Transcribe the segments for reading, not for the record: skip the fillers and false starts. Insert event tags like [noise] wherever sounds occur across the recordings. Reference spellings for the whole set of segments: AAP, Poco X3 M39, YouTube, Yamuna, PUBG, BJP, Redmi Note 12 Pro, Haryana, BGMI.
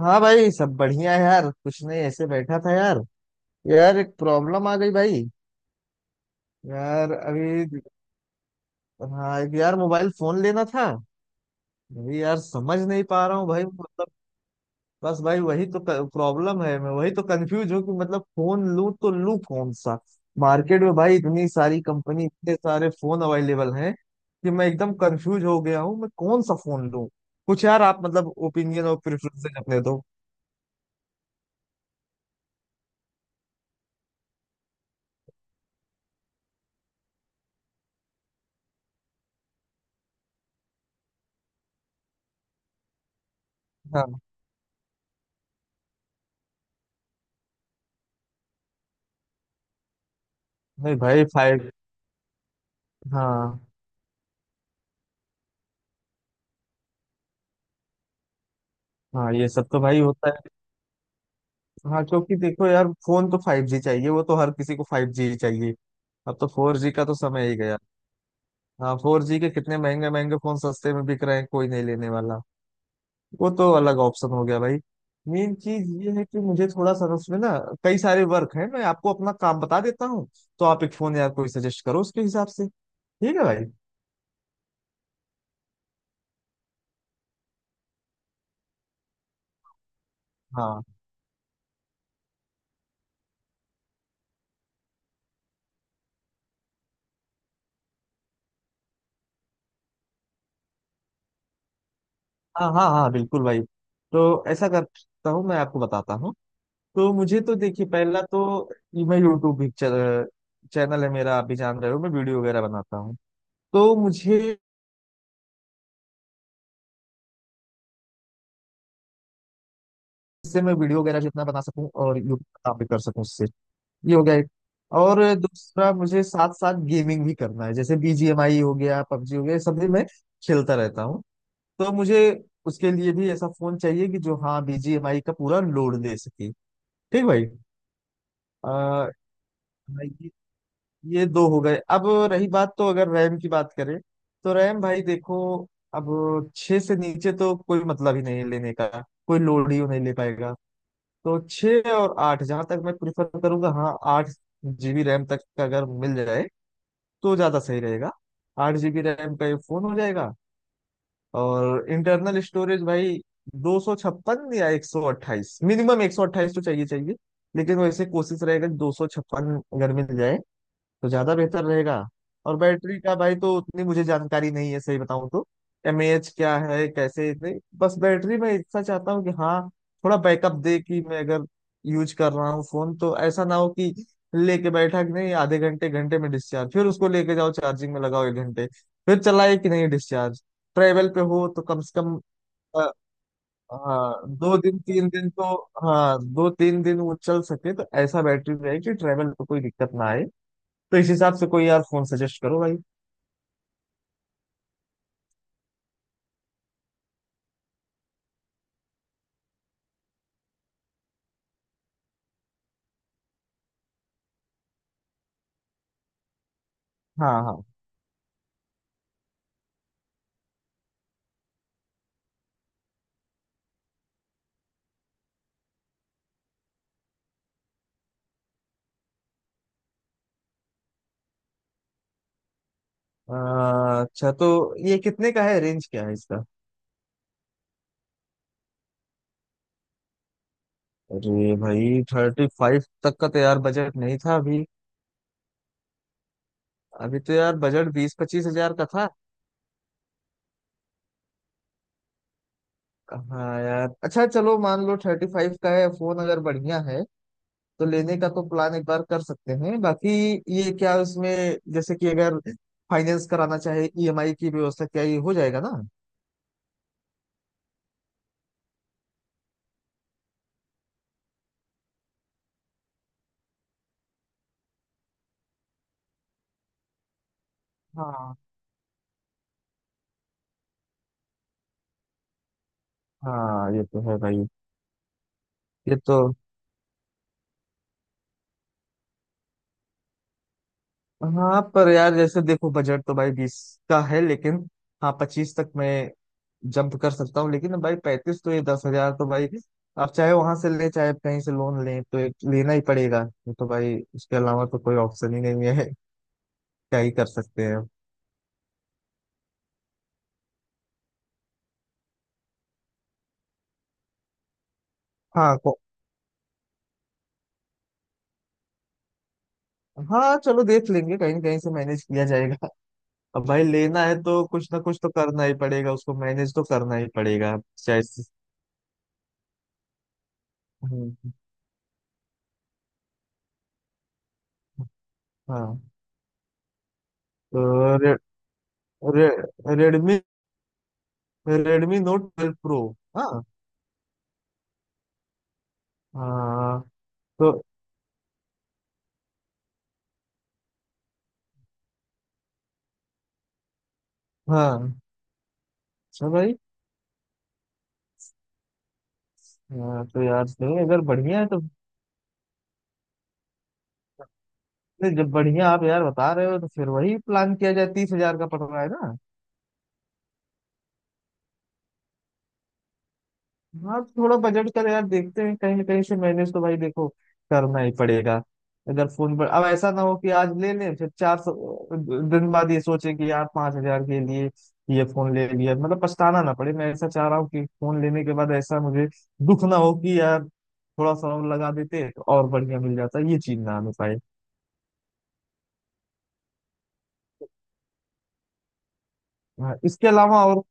हाँ भाई, सब बढ़िया है यार। कुछ नहीं, ऐसे बैठा था यार। यार एक प्रॉब्लम आ गई भाई। यार अभी हाँ, एक यार मोबाइल फोन लेना था। अभी यार समझ नहीं पा रहा हूँ भाई, मतलब बस भाई वही तो प्रॉब्लम है। मैं वही तो कंफ्यूज हूँ कि मतलब फोन लूँ तो लूँ कौन सा। मार्केट में भाई इतनी सारी कंपनी, इतने सारे फोन अवेलेबल हैं कि मैं एकदम कंफ्यूज हो गया हूँ, मैं कौन सा फोन लूँ। कुछ यार आप मतलब ओपिनियन और प्रेफरेंसेस अपने दो। हाँ। नहीं भाई, फाइव। हाँ। हाँ, ये सब तो भाई होता है। हाँ, क्योंकि देखो यार फोन तो 5G चाहिए, वो तो हर किसी को 5G ही चाहिए। अब तो 4G का तो समय ही गया। हाँ, 4G के कितने महंगे महंगे फोन सस्ते में बिक रहे हैं, कोई नहीं लेने वाला। वो तो अलग ऑप्शन हो गया भाई। मेन चीज ये है कि मुझे थोड़ा सा ना उसमें ना कई सारे वर्क है। मैं आपको अपना काम बता देता हूँ, तो आप एक फोन यार कोई सजेस्ट करो उसके हिसाब से। ठीक है भाई। हाँ हाँ हाँ हाँ, बिल्कुल भाई। तो ऐसा करता हूँ, मैं आपको बताता हूँ। तो मुझे तो देखिए, पहला तो ये, मैं यूट्यूब भी चैनल है मेरा, आप भी जान रहे हो मैं वीडियो वगैरह बनाता हूँ। तो मुझे इससे मैं वीडियो वगैरह जितना बना सकूँ और यूट्यूब आप भी कर सकूँ उससे, ये हो गया एक। और दूसरा, मुझे साथ साथ गेमिंग भी करना है। जैसे BGMI हो गया, पबजी हो गया, ये सब भी मैं खेलता रहता हूँ। तो मुझे उसके लिए भी ऐसा फोन चाहिए कि जो हाँ, BGMI का पूरा लोड दे सके। ठीक भाई। आ, ये दो हो गए। अब रही बात, तो अगर रैम की बात करें, तो रैम भाई देखो, अब छः से नीचे तो कोई मतलब ही नहीं है लेने का, कोई लोड ही वो नहीं ले पाएगा। तो छः और आठ जहाँ तक, मैं प्रिफर करूंगा हाँ, 8 जीबी रैम तक का अगर मिल जाए तो ज़्यादा सही रहेगा। आठ जीबी रैम का ये फ़ोन हो जाएगा। और इंटरनल स्टोरेज भाई, 256 या 128, मिनिमम 128 तो चाहिए चाहिए। लेकिन वैसे कोशिश रहेगा 256 अगर मिल जाए तो ज्यादा बेहतर रहेगा। और बैटरी का भाई तो उतनी मुझे जानकारी नहीं है, सही बताऊं तो mAh क्या है कैसे। इतने बस, बैटरी मैं इतना चाहता हूँ कि हाँ, थोड़ा बैकअप दे। कि मैं अगर यूज कर रहा हूँ फोन, तो ऐसा ना हो कि लेके बैठा कि नहीं, आधे घंटे घंटे में डिस्चार्ज, फिर उसको लेके जाओ, चार्जिंग में लगाओ एक घंटे, फिर चलाए कि नहीं डिस्चार्ज। ट्रेवल पे हो तो कम से कम अ, हाँ, दो दिन तीन दिन तो। हाँ, दो तीन दिन वो चल सके, तो ऐसा बैटरी रहे कि ट्रेवल पे कोई दिक्कत ना आए। तो इस हिसाब से कोई यार फोन सजेस्ट करो भाई। हाँ हाँ। अच्छा तो ये कितने का है, रेंज क्या है इसका। अरे भाई 35 तक का तो यार बजट नहीं था अभी। अभी तो यार बजट 20-25 हजार का था। हाँ यार, अच्छा चलो मान लो 35 का है फोन, अगर बढ़िया है तो लेने का तो प्लान एक बार कर सकते हैं। बाकी ये क्या उसमें, जैसे कि अगर फाइनेंस कराना चाहे, EMI की व्यवस्था क्या ये हो जाएगा ना। हाँ हाँ, ये तो है भाई। ये तो, हाँ, पर यार जैसे देखो बजट तो भाई 20 का है, लेकिन हाँ, 25 तक मैं जंप कर सकता हूँ। लेकिन भाई 35 तो, ये 10 हजार तो भाई आप चाहे वहां से ले, चाहे कहीं से लोन लें, तो एक लेना ही पड़ेगा। ये तो भाई उसके अलावा तो कोई ऑप्शन ही नहीं है। [laughs] क्या ही कर सकते हैं। हाँ को हाँ चलो, देख लेंगे कहीं न कहीं से मैनेज किया जाएगा। [laughs] अब भाई लेना है तो कुछ ना कुछ तो करना ही पड़ेगा। उसको मैनेज तो करना ही पड़ेगा चाहे। हम्म। हाँ। तो रे, रे, रेडमी नोट 12 प्रो। हाँ। हाँ। तो हाँ, अच्छा भाई। हाँ तो यार, नहीं, अगर बढ़िया है तो। नहीं, जब बढ़िया आप यार बता रहे हो, तो फिर वही प्लान किया जाए। 30 हजार का पड़ रहा है ना। हाँ, थोड़ा बजट का तो यार देखते हैं, कहीं ना कहीं से मैनेज तो भाई देखो, करना ही पड़ेगा। अगर फोन पर अब ऐसा ना हो कि आज ले लें, फिर 400 दिन बाद ये सोचे कि यार, 5 हजार के लिए ये फोन ले लिया, मतलब पछताना ना पड़े। मैं ऐसा चाह रहा हूँ कि फोन लेने के बाद ऐसा मुझे दुख ना हो कि यार, थोड़ा सा और लगा देते तो और बढ़िया मिल जाता। ये चीज ना आने पाए। हाँ, इसके अलावा और।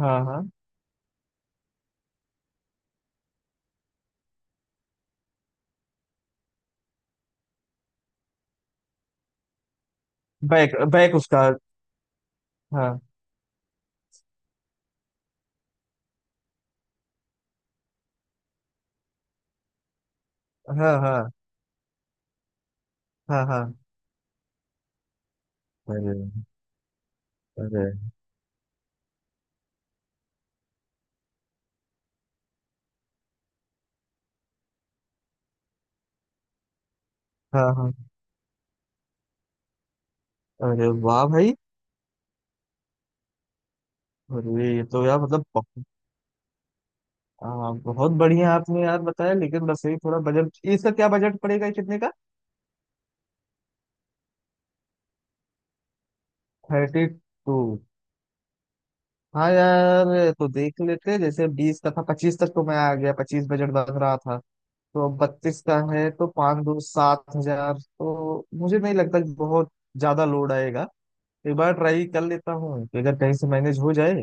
हाँ हाँ। बैक बैक उसका। हाँ हाँ। हाँ हाँ। हाँ। अरे। अरे। हाँ हाँ। अरे वाह भाई। अरे ये तो यार, मतलब बहुत। हाँ, बहुत बढ़िया आपने यार बताया। लेकिन बस यही थोड़ा बजट, इसका क्या बजट पड़ेगा, ये कितने का। 32। हाँ यार, ये तो देख लेते हैं। जैसे 20 का था, 25 तक तो मैं आ गया, 25 बजट बन रहा था। तो अब 32 का है, तो पाँच दो 7 हजार तो मुझे नहीं लगता कि बहुत ज्यादा लोड आएगा। एक बार ट्राई कर लेता हूँ कि अगर कहीं से मैनेज हो जाए,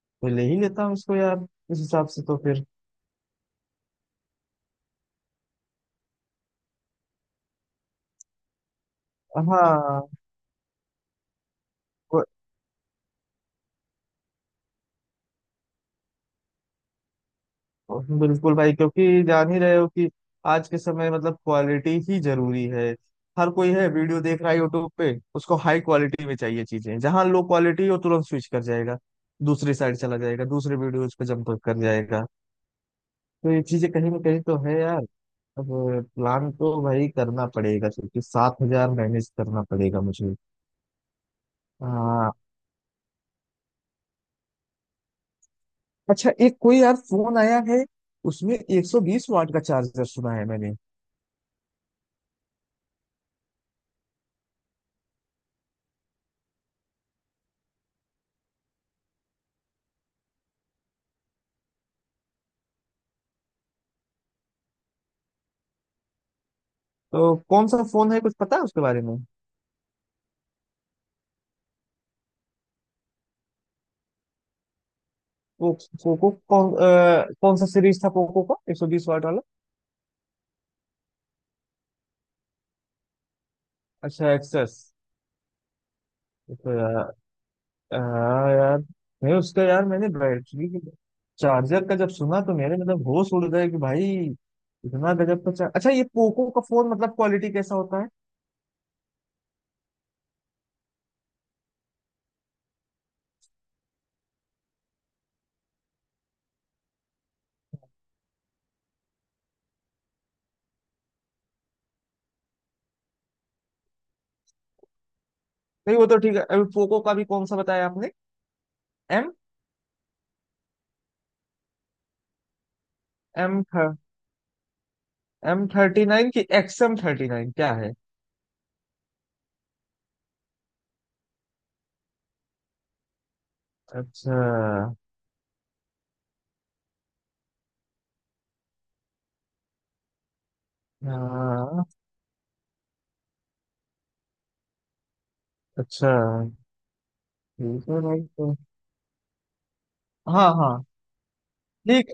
तो ले ही लेता हूँ इसको यार। इस हिसाब से तो फिर। हाँ, बिल्कुल भाई, क्योंकि जान ही रहे हो कि आज के समय मतलब क्वालिटी ही जरूरी है। हर कोई है वीडियो देख रहा है यूट्यूब पे, उसको हाई क्वालिटी में चाहिए चीजें। जहां लो क्वालिटी हो तुरंत स्विच कर जाएगा, दूसरी साइड चला जाएगा, दूसरे वीडियोज पे जंप कर जाएगा। तो ये चीजें कहीं ना कहीं तो है यार। अब प्लान तो भाई करना पड़ेगा, क्योंकि 7 हजार मैनेज करना पड़ेगा मुझे। हाँ। अच्छा, एक कोई यार फोन आया है, उसमें 120 वाट का चार्जर, सुना है मैंने। तो कौन सा फोन है, कुछ पता है उसके बारे में। वो पोको, कौन सा सीरीज था पोको का 120 वाट वाला। अच्छा, एक्सेस। तो यार, हाँ यार। नहीं, उसका यार मैंने बैटरी चार्जर का जब सुना तो मेरे मतलब होश उड़ गए कि भाई, इतना गजब का चार... अच्छा, ये पोको का फोन मतलब क्वालिटी कैसा होता है। नहीं, वो तो ठीक है। अभी पोको का भी कौन सा बताया आपने। एम एम एम 39 की, एक्स एम 39 क्या है। अच्छा। हाँ। अच्छा। ठीक है भाई तो। हाँ हाँ। ठीक।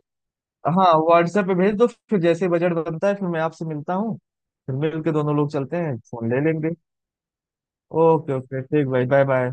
हाँ, व्हाट्सएप पे भेज दो। फिर जैसे बजट बनता है, फिर मैं आपसे मिलता हूँ, फिर मिल के दोनों लोग चलते हैं, फोन ले लेंगे। ओके ओके, ठीक भाई। Bye bye.